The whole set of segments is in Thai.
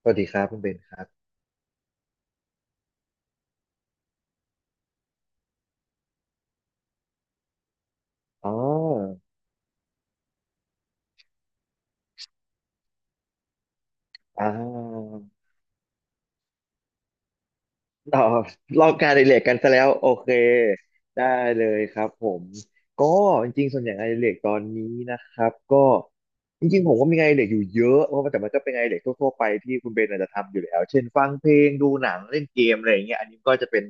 สวัสดีครับคุณเบนครับอ๋ออ่า อ๋อลองการอดิเรกกันซะแล้วโอเคได้เลยครับผม ก็จริงๆส่วนใหญ่งานอดิเรกตอนนี้นะครับก็จริงๆผมก็มีงานอดิเรกอยู่เยอะเพราะว่าแต่มันก็เป็นงานอดิเรกทั่วๆไปที่คุณเบนอาจจะทำอยู่แล้วเช่นฟังเพลงดูหนังเล่นเกมอะไรอย่างเงี้ยอันนี้ก็จะเป็น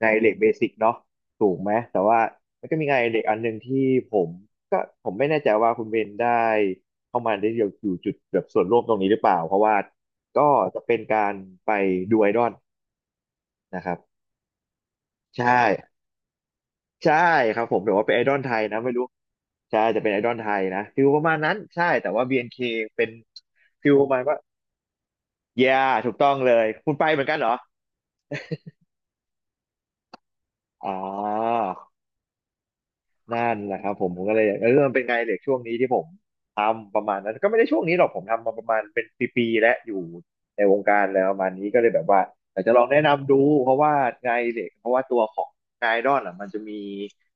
งานอดิเรกเบสิกเนาะถูกไหมแต่ว่ามันก็มีงานอดิเรกอันหนึ่งที่ผมก็ผมไม่แน่ใจว่าคุณเบนได้เข้ามาได้อยู่จุดแบบส่วนร่วมตรงนี้หรือเปล่าเพราะว่าก็จะเป็นการไปดูไอดอลนะครับ ใช่ใช่ครับผมี๋ยว่าเป็นไอดอลไทยนะไม่รู้ใช่จะเป็นไอดอลไทยนะฟิลประมาณนั้นใช่แต่ว่า BNK เอ็นเคเป็นฟิลประมาณว่า yeah ถูกต้องเลยคุณไปเหมือนกันเหรออ๋อ นั่นแหละครับผมก็เลยอยากมันเป็นไงาดเหล็กช่วงนี้ที่ผมทำประมาณนั้นก็ไม่ได้ช่วงนี้หรอกผมทำมาประมาณเป็นปีๆและอยู่ในวงการแล้วประมาณนี้ก็เลยแบบว่าอยากจะลองแนะนำดูเพราะว่างานอดิเหล็กเพราะว่าตัวของงานไอดอลอ่ะมันจะมี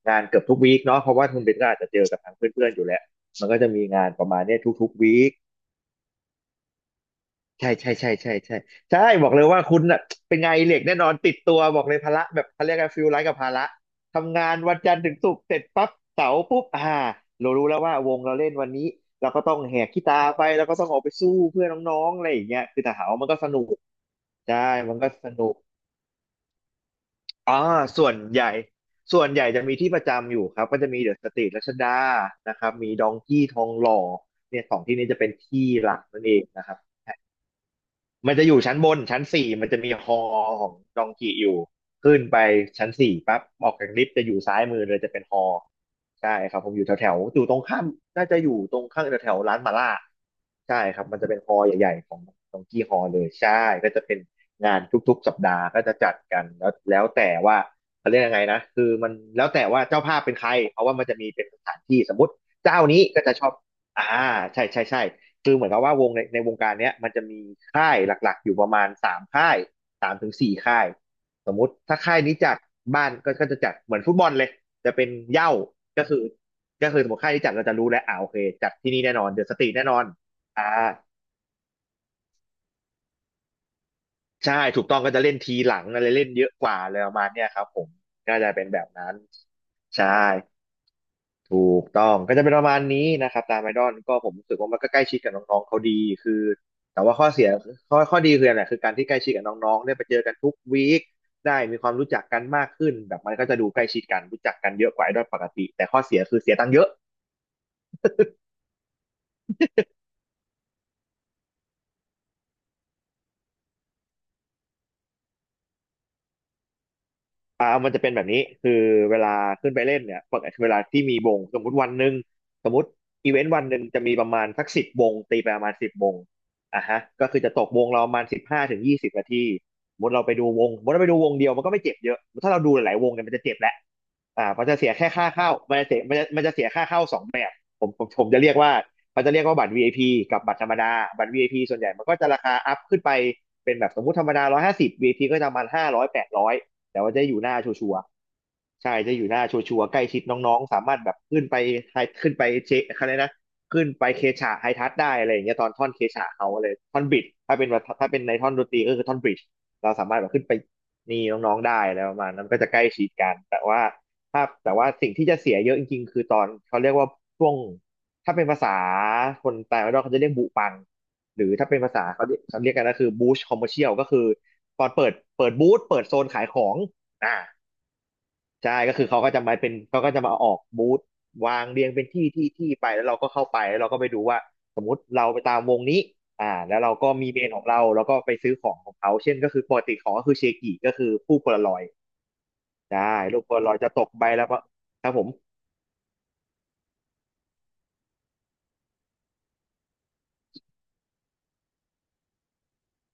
งานเกือบทุกวีคเนาะเพราะว่าคุณเบนก็อาจจะเจอกับทางเพื่อนๆอยู่แล้วมันก็จะมีงานประมาณเนี้ยทุกๆวีค ใช่ใช่ใช่ใช่ใช่ใช่บอกเลยว่าคุณน่ะเป็นไงานอดิเหล็กแน่นอนติดตัวบอกเลยภาระแบบเขาเรียกกันฟิลไลฟ์กับภาระทำงานวันจันทร์ถึงศุกร์เสร็จปั๊บเสาร์ปุ๊บอ่าเรารู้แล้วว่าวงเราเล่นวันนี้เราก็ต้องแหกขี้ตาไปแล้วก็ต้องออกไปสู้เพื่อน้องๆอะไรอย่างเงี้ยคือแต่หาว่ามันก็สนุกใช่มันก็สนุกอ่าส่วนใหญ่ส่วนใหญ่จะมีที่ประจำอยู่ครับก็จะมีเดอะสตรีทรัชดานะครับมีดองกี้ทองหล่อเนี่ยสองที่นี้จะเป็นที่หลักนั่นเองนะครับ มันจะอยู่ชั้นบนชั้นสี่มันจะมีฮอของดองกิอยู่ขึ้นไปชั้นสี่ปั๊บออกจากลิฟต์จะอยู่ซ้ายมือเลยจะเป็นฮอใช่ครับผมอยู่แถวแถวอยู่ตรงข้ามน่าจะอยู่ตรงข้างแถวแถวร้านมาล่าใช่ครับมันจะเป็นฮอใหญ่ๆของดองกี้ฮอเลยใช่ก็จะเป็นงานทุกๆสัปดาห์ก็จะจัดกันแล้วแล้วแต่ว่าเขาเรียกยังไงนะคือมันแล้วแต่ว่าเจ้าภาพเป็นใครเพราะว่ามันจะมีเป็นสถานที่สมมติเจ้านี้ก็จะชอบอ่าใช่ใช่ใช่ คือเหมือนกับว่าวงในวงการเนี้ยมันจะมีค่ายหลักๆอยู่ประมาณ3 ค่าย3 ถึง 4 ค่ายสมมุติถ้าค่ายนี้จัดบ้านก็จะจัดเหมือนฟุตบอลเลยจะเป็นเหย้าก็คือก็คือสมมติค่ายนี้จัดเราจะรู้แล้วอ่าโอเคจัดที่นี่แน่นอนเดอะสตรีทแน่นอนอ่าใช่ถูกต้องก็จะเล่นทีหลังอะไรเล่นเยอะกว่าอะไรประมาณเนี้ยครับผมก็จะเป็นแบบนั้นใช่ ถูกต้องก็จะเป็นประมาณนี้นะครับตามไอดอลก็ผมรู้สึกว่ามันก็ใกล้ชิดกับน้องๆเขาดีคือแต่ว่าข้อเสียข้อดีคืออะไรคือการที่ใกล้ชิดกับน้องๆได้ไปเจอกันทุกวีคได้มีความรู้จักกันมากขึ้นแบบมันก็จะดูใกล้ชิดกันรู้จักกันเยอะกว่าไอดอลปกติแต่ข้อเสียคือเสียตังค์เยอะ อ่ามันจะเป็นแบบนี้คือเวลาขึ้นไปเล่นเนี่ยปกติเวลาที่มีวงสมมติวันหนึ่งสมมติอีเวนต์วันหนึ่งจะมีประมาณสักสิบวงตีไปประมาณสิบวงอ่ะฮะก็คือจะตกวงเราประมาณ15 ถึง 20 นาทีสมมติเราไปดูวงสมมติเราไปดูวงเดียวมันก็ไม่เจ็บเยอะถ้าเราดูหลายๆวงเนี่ยมันจะเจ็บแหละอ่ามันจะเสียแค่ค่าเข้ามันจะเสียมันจะเสียค่าเข้าสองแบบผมจะเรียกว่าเขาจะเรียกว่าบัตรวีไอ i ีกับบัตรธรรมดาบัตร VIP ส่วนใหญ่มันก็จะราคาอัพขึ้นไปเป็นแบบสมมุติธรรมดา150วีไอ i ีก็จะประมาณ500 800 แต่ว่าจะอยู่หน้าชัวร์ๆใช่ จะอยู่หน้าชัวร์ๆใกล้ชิดน้องๆ สามารถแบบขึ้นไปไฮขึ้นไปเชคอะไรนะขึ้นไปเคชะไฮทัชได้อะไรอย่างเงี้ยตอนท่อนเคชะเขาอะไรท่อนบิดถ้าเป็นในท่อนดนตรีก็คือท่อนบริดจ์เราสามารถแบบขึ้นไปนี่น้องๆได้แล้วประมาณนั้นก็จะใกล้ชิดกันแต่ว่าแต่ว่าสิ่งที่จะเสียเยอะจริงๆคือตอนเขาเรียกว่าช่วงถ้าเป็นภาษาคนต่างประเทศเขาจะเรียกบุปังหรือถ้าเป็นภาษาเขาเรียกกันก็คือบูชคอมเมอร์เชียลก็คือ ตอนเปิดบูธเปิดโซนขายของอ่าใช่ก็คือเขาก็จะมาออกบูธวางเรียงเป็นที่ ที่ ที่ไป แล้วเราก็เข้าไปแล้วเราก็ไปดูว่า สมมุติเราไปตามวงนี้อ่าแล้วเราก็มีเมนของเราแล้วก็ไปซื้อของของเขา เช่นก็คือปกติของก็คือเชกิก็คือผู้โพลารอยด์ได้รูปโพลารอยด์จะตกใบแล้วครับผม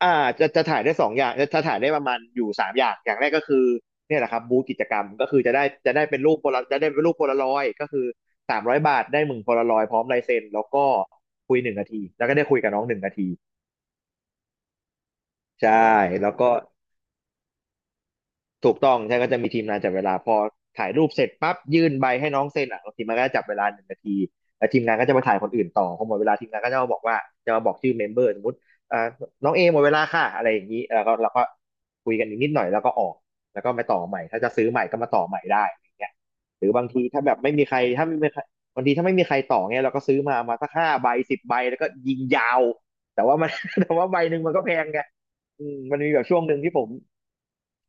อ่าจะถ่ายได้สองอย่างจะถ่ายได้ประมาณอยู่สามอย่างอย่างแรกก็คือเนี่ยแหละครับบูธกิจกรรมก็คือจะได้เป็นรูปโพลารอยด์ก็คือสามร้อยบาทได้หนึ่งโพลารอยด์พร้อมลายเซ็นแล้วก็คุยหนึ่งนาทีแล้วก็ได้คุยกับน้องหนึ่งนาทีใช่แล้วก็ ถูกต้องใช่ก็จะมีทีมงานจับเวลาพอถ่ายรูปเสร็จปั๊บยื่นใบให้น้องเซ็นอ่ะทีมงานก็จะจับเวลาหนึ่งนาทีแล้วทีมงานก็จะมาถ่ายคนอื่นต่อพอหมดเวลาทีมงานก็จะมาบอกว่าจะมาบอกชื่อเมมเบอร์สมมติอ่าน้องเอหมดเวลาค่ะอะไรอย่างนี้แล้วก็เราก็คุยกันอีกนิดหน่อยแล้วก็ออกแล้วก็มาต่อใหม่ถ้าจะซื้อใหม่ก็มาต่อใหม่ได้อะไรอย่างเงี้ยหรือบางทีถ้าแบบไม่มีใครถ้าไม่มีใครบางทีถ้าไม่มีใครต่อเงี้ยเราก็ซื้อมาสักห้าใบสิบใบแล้วก็ยิงยาวแต่ว่ามัน แต่ว่าใบหนึ่งมันก็แพงไงอืมมันมีแบบช่วงหนึ่งที่ผม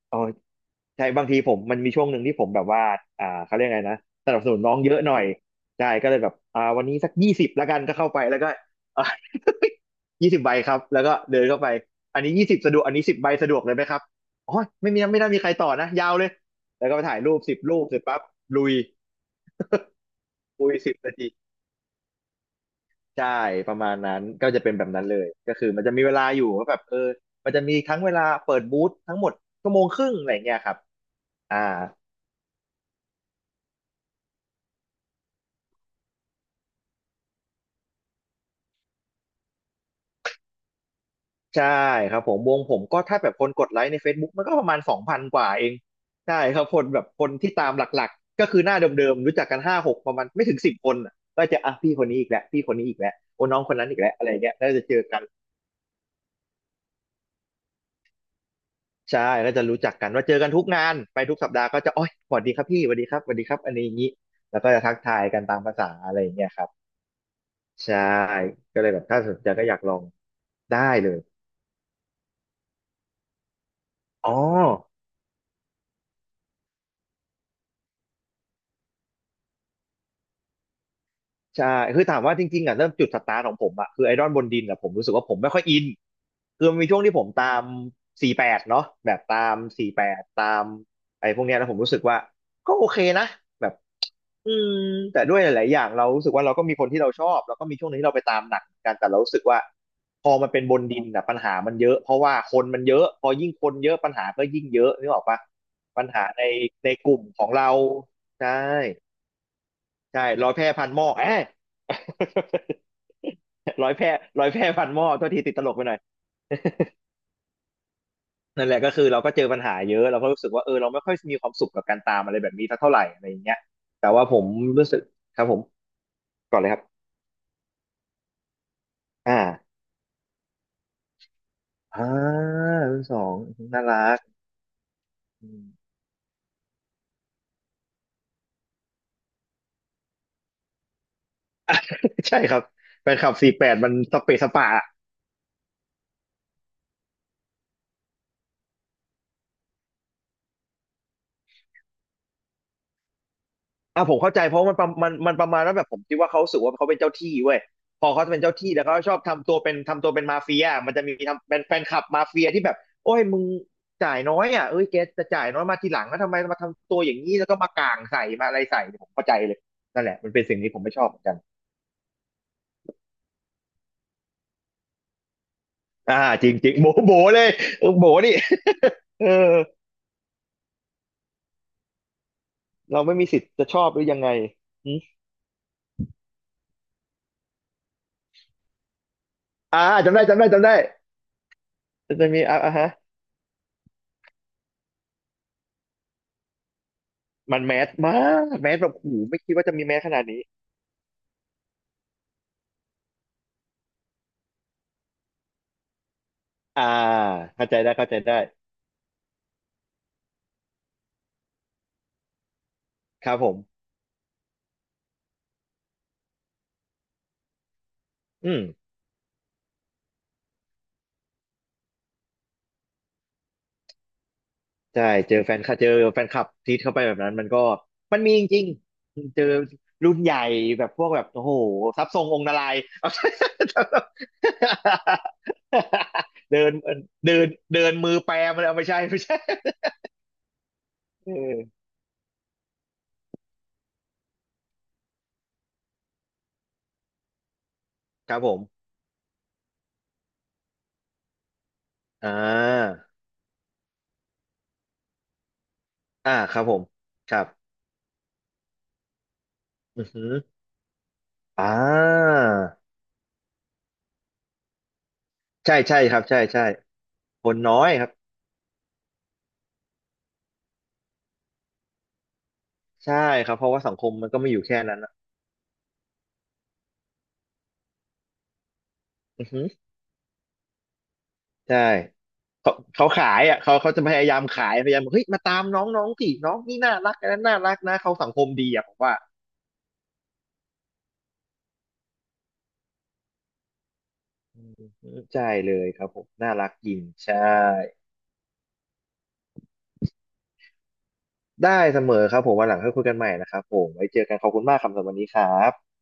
เออ ใช่บางทีผมมันมีช่วงหนึ่งที่ผมแบบว่าเขาเรียกไงนะสนับสนุนน้องเยอะหน่อยใช่ก็เลยแบบอ่าวันนี้สักยี่สิบละกันก็เข้าไปแล้วก็ ยี่สิบ ใบครับแล้วก็เดินเข้าไปอันนี้ยี่สิบสะดวกอันนี้สิบใบสะดวกเลยไหมครับอ๋อไม่ได้มีใครต่อนะยาวเลยแล้วก็ไปถ่ายรูปสิบรูปเสร็จปั๊บลุย คุยสิบนาทีใช่ประมาณนั้นก็จะเป็นแบบนั้นเลยก็คือมันจะมีเวลาอยู่ว่าแบบเออมันจะมีทั้งเวลาเปิดบูธทั้งหมดชั่วโมงครึ่งอะไรเงี้ยครับอ่า ใช่ครับผมวงผมก็ถ้าแบบคนกดไลค์ใน Facebook มันก็ประมาณสองพันกว่าเองใช่ครับคนแบบคนที่ตามหลักๆก็คือหน้าเดิมๆรู้จักกันห้าหกประมาณไม่ถึงสิบคนน่ะก็จะอ่ะพี่คนนี้อีกแล้วพี่คนนี้อีกแล้วโอ้น้องคนนั้นอีกแล้วอะไรเงี้ยแล้วจะเจอกันใช่ก็จะรู้จักกันว่าเจอกันทุกงานไปทุกสัปดาห์ก็จะโอ้ยสวัสดีครับพี่สวัสดีครับสวัสดีครับอันนี้อย่างนี้แล้วก็จะทักทายกันตามภาษาอะไรอย่างเงี้ยครับใช่ก็เลยแบบถ้าสนใจก็อยากลองได้เลยอ๋อ ใช่คือถามว่าจริงๆอ่ะเริ่มจุดสตาร์ทของผมอ่ะคือไอดอลบนดินอ่ะผมรู้สึกว่าผมไม่ค่อยอินคือมันมีช่วงที่ผมตามสี่แปดเนาะแบบตามสี่แปดตามไอ้พวกเนี้ยแล้วผมรู้สึกว่าก็โอเคนะแบบอืมแต่ด้วยหลายๆอย่างเรารู้สึกว่าเราก็มีคนที่เราชอบแล้วก็มีช่วงหนึงที่เราไปตามหนักเหมือนกันแต่เรารู้สึกว่าพอมันเป็นบนดินอ่ะปัญหามันเยอะเพราะว่าคนมันเยอะพอยิ่งคนเยอะปัญหาก็ยิ่งเยอะนึกออกปะปัญหาในกลุ่มของเราใช่ ใช่ร้อยแพร่พันหม้อเอ้ย ร้อยแพร่ร้อยแพร่พันหม้อโทษทีติดตลกไปหน่อยนั่นแหละก็คือเราก็เจอปัญหาเยอะเราก็รู้สึกว่าเออเราไม่ค่อยมีความสุขกับการตามอะไรแบบนี้สักเท่าไหร่อะไรอย่างเงี้ยแต่ว่าผมรู้สึกครับผมก่อนเลยครับอ่าอ่ารุ่นสองน่ารักอืม ใช่ครับแฟนคลับสี่แปดมันสเปซสปะ อ่ะผมเข้าใจเพราะมันมันประมาณว่าแบบผมคิดว่าเขารู้สึกว่าเขาเป็นเจ้าที่เว้ยพอเขาเป็นเจ้าที่แล้วเขาชอบทำตัวเป็นมาเฟียมันจะมีทำเป็นแฟนคลับมาเฟียที่แบบโอ้ยมึงจ่ายน้อยอ่ะเอ้ยแกจะจ่ายน้อยมาทีหลังแล้วทำไมมาทำตัวอย่างนี้แล้วก็มาก่างใส่มาอะไรใส่ผมเข้าใจเลยนั่นแหละมันเป็นสิ่งที่ผมไม่ชอบเหมือนกันอ่าจริงจริงโบโบเลยเออโบนี่ เออเราไม่มีสิทธิ์จะชอบหรือยังไงออ่าจำได้จำได้จำได้จะมีอ่ะอ่ะฮะมันแมสมากแมสแบบโอ้โหไม่คิดว่าจะมีแมสขนาดนี้ อ่าเข้าใจได้เข้าใจได้ครับผมอืมใช่เจอแฟนคลับทีทเข้าไปแบบนั้นมันก็มันมีจริงๆเจอรุ่นใหญ่แบบพวกแบบโอ้โหทรัพย์ทรงองค์นารายณ์ เดินเดินเดินมือแปรมันเอาไม่ใช่ไม่ใช่เออครับผมอ่าอ่าครับผมครับอือหืออ่าใช่ใช่ครับใช่ใช่คนน้อยครับใช่ครับเพราะว่าสังคมมันก็ไม่อยู่แค่นั้นนะอือหือ ใช่เขาขายอ่ะเขาจะพยายามขายพยายามบอกเฮ้ยมาตามน้องน้องสิน้องนี่น่ารักอันนั้นน่ารักนะเขาสังคมดีอ่ะผมว่าอืมใช่เลยครับผมน่ารักจริงใช่ได้เสมอครับผมวันหลังค่อยคุยกันใหม่นะครับผมไว้เจอกันขอบคุณมากครับสำหรับวันนี้ครับ